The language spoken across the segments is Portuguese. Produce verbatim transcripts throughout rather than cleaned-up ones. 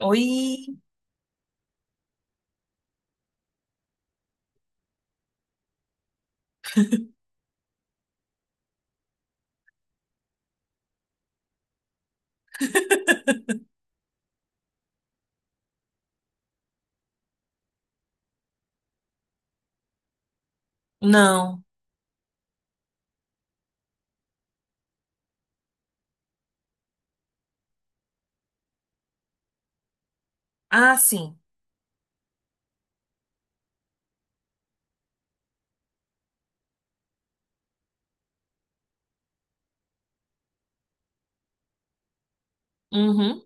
Oi? Não. Ah, sim. Uhum.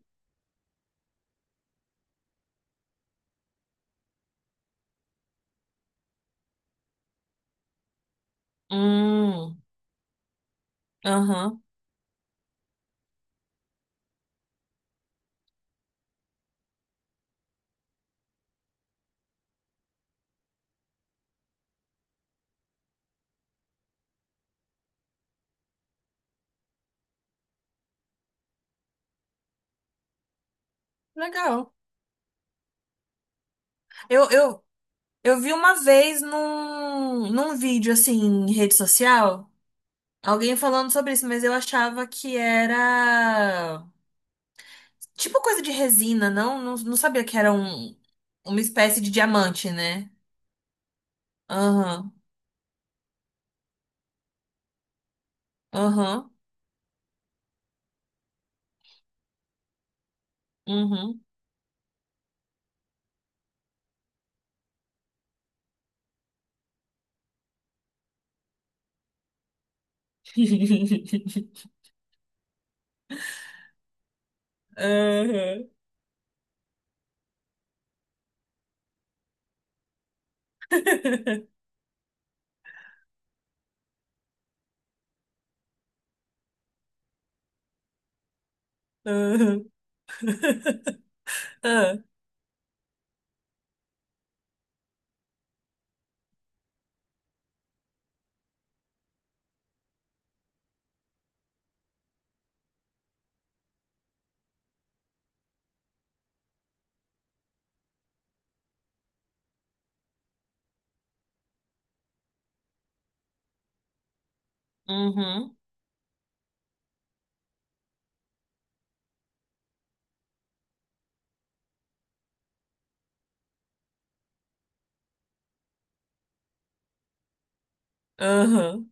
Hum. Aham. Legal. Eu, eu, eu vi uma vez num, num vídeo, assim, em rede social, alguém falando sobre isso, mas eu achava que era tipo coisa de resina, não? Não, não sabia que era um, uma espécie de diamante, né? Aham. Aham. Uhum. Aham. Aham. Aham. Aham,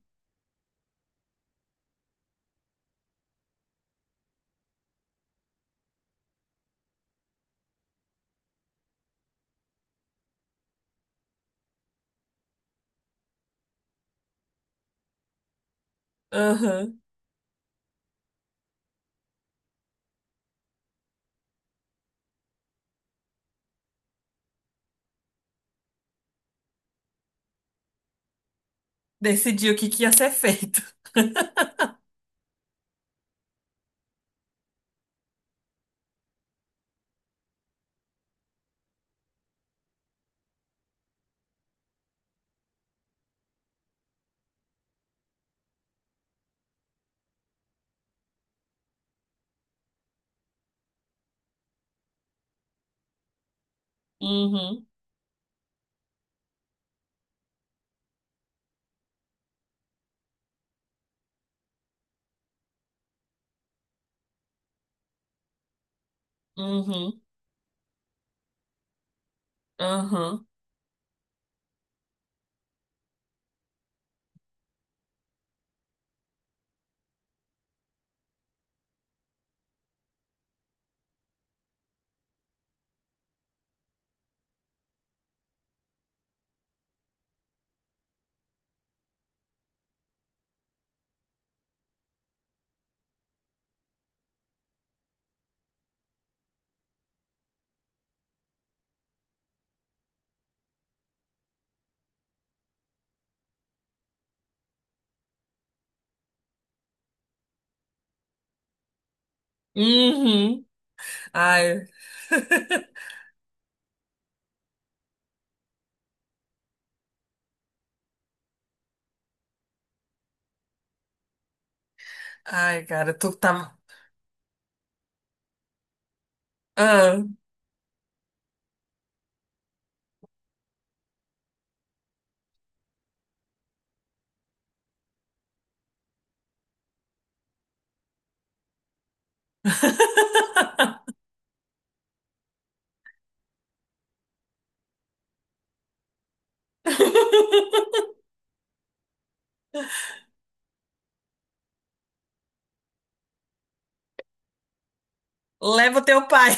aham. Decidiu o que que ia ser feito. Uhum, uhum, uhum, uhum. Ai, ai, cara, tu tá. Ah. Leva o teu pai.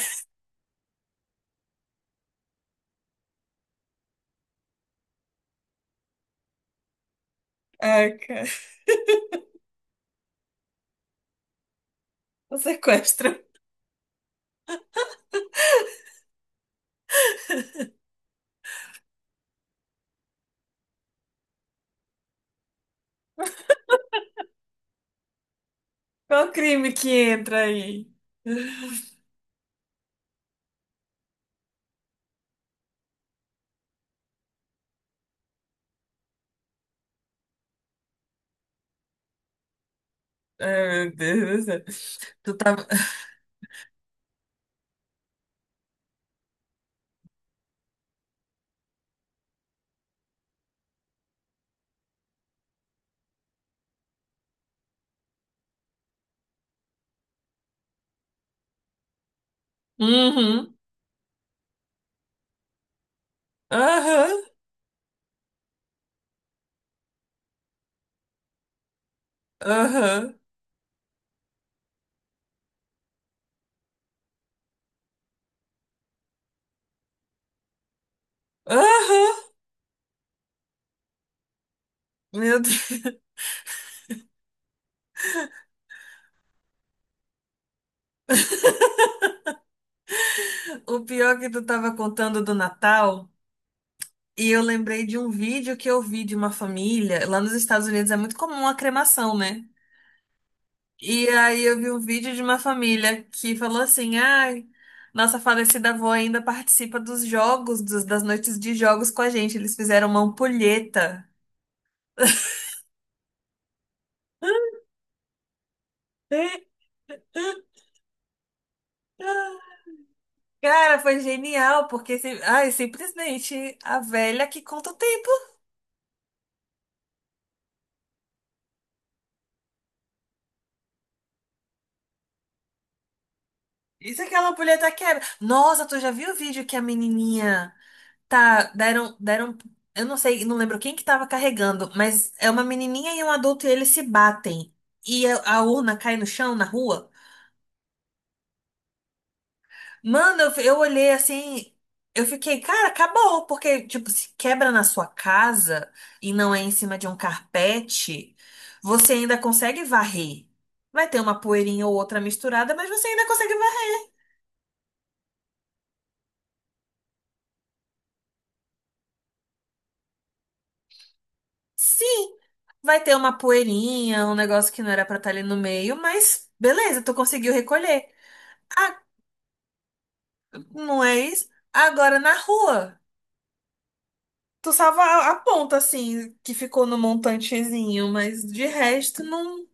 Ai, cara, o sequestro. Qual o crime que entra aí? Ai, meu Deus do céu. Tu tá. Uhum, aham, aham, aham. Meu Deus. O pior que tu tava contando do Natal, e eu lembrei de um vídeo que eu vi de uma família. Lá nos Estados Unidos é muito comum a cremação, né? E aí eu vi um vídeo de uma família que falou assim: ai, nossa falecida avó ainda participa dos jogos, dos- das noites de jogos com a gente. Eles fizeram uma ampulheta. Cara, foi genial, porque se- ai, simplesmente a velha que conta o tempo. Isso é aquela ampulheta quebra. Nossa, tu já viu o vídeo que a menininha. Tá, deram, deram, eu não sei, não lembro quem que tava carregando, mas é uma menininha e um adulto e eles se batem. E a, a urna cai no chão, na rua. Mano, eu, f- eu olhei assim, eu fiquei, cara, acabou, porque, tipo, se quebra na sua casa e não é em cima de um carpete, você ainda consegue varrer. Vai ter uma poeirinha ou outra misturada, mas você ainda consegue varrer. Sim, vai ter uma poeirinha, um negócio que não era pra estar ali no meio, mas beleza, tu conseguiu recolher. Não é isso? Agora na rua. Tu salva a a ponta, assim, que ficou no montantezinho, mas de resto não.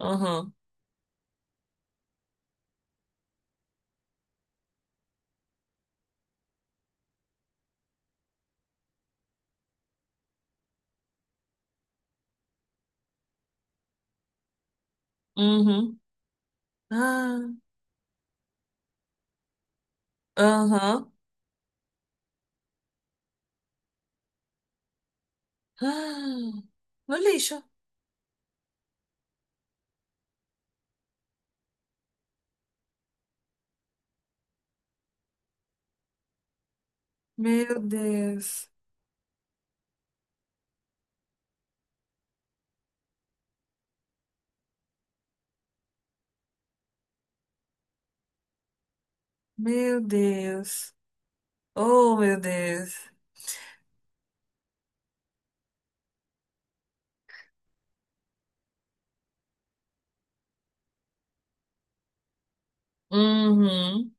Aham. Uhum. Ah, aham. Ah, no lixo. Meu Deus. Meu Deus. Oh, meu Deus. Uhum.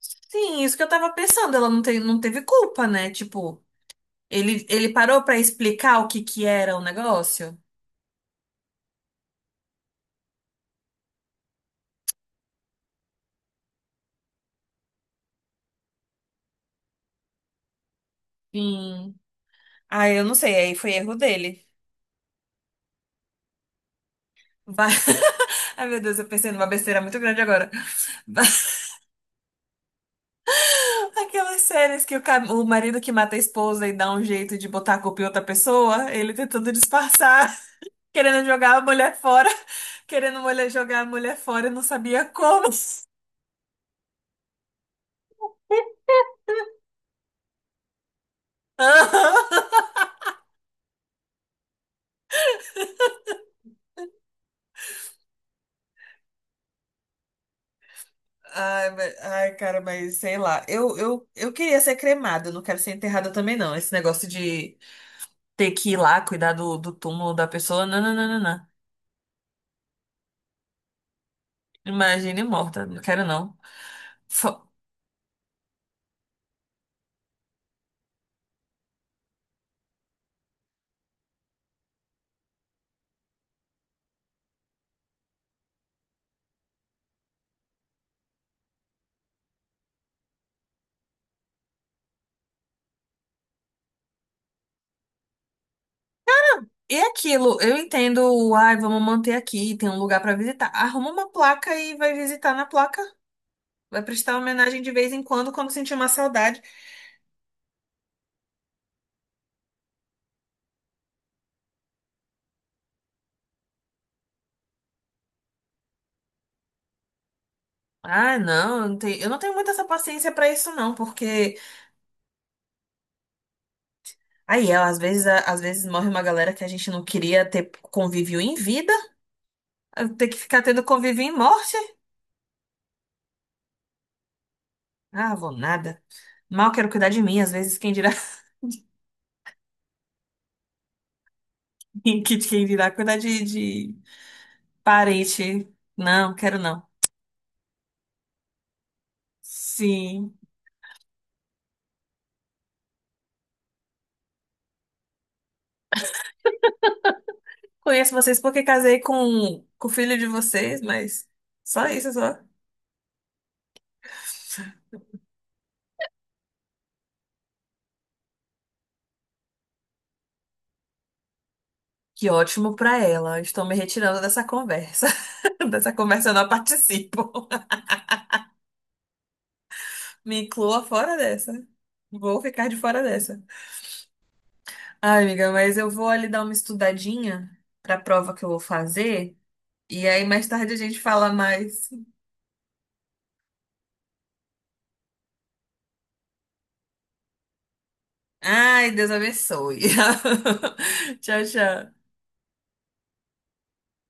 Sim, isso que eu tava pensando. Ela não tem, não teve culpa, né? Tipo, ele, ele parou pra explicar o que que era o negócio? Sim. Ah, eu não sei. Aí foi erro dele. Vai... Ai, meu Deus, eu pensei numa besteira muito grande agora. Aquelas séries que o, ca- o marido que mata a esposa e dá um jeito de botar a culpa em outra pessoa, ele tentando disfarçar, querendo jogar a mulher fora, querendo mulher jogar a mulher fora e não sabia como. Ai, mas- ai, cara, mas sei lá. Eu, eu, eu queria ser cremada, eu não quero ser enterrada também, não. Esse negócio de ter que ir lá cuidar do, do túmulo da pessoa, não, não, não, não, não. Imagine morta, não quero não. E aquilo, eu entendo, ai, vamos manter aqui, tem um lugar pra visitar. Arruma uma placa e vai visitar na placa. Vai prestar homenagem de vez em quando, quando sentir uma saudade. Ah, não, eu não tenho, eu não tenho muita essa paciência pra isso, não, porque aí, ela, às vezes, a- às vezes morre uma galera que a gente não queria ter convívio em vida, ter que ficar tendo convívio em morte. Ah, vou nada. Mal quero cuidar de mim, às vezes quem dirá, quem dirá cuidar de, de parente. Não, quero não. Sim. Conheço vocês porque casei com, com o filho de vocês, mas só isso, só. Que ótimo pra ela. Estou me retirando dessa conversa. Dessa conversa eu não participo. Me inclua fora dessa. Vou ficar de fora dessa. Ai, amiga, mas eu vou ali dar uma estudadinha pra prova que eu vou fazer. E aí mais tarde a gente fala mais. Ai, Deus abençoe. Tchau, tchau.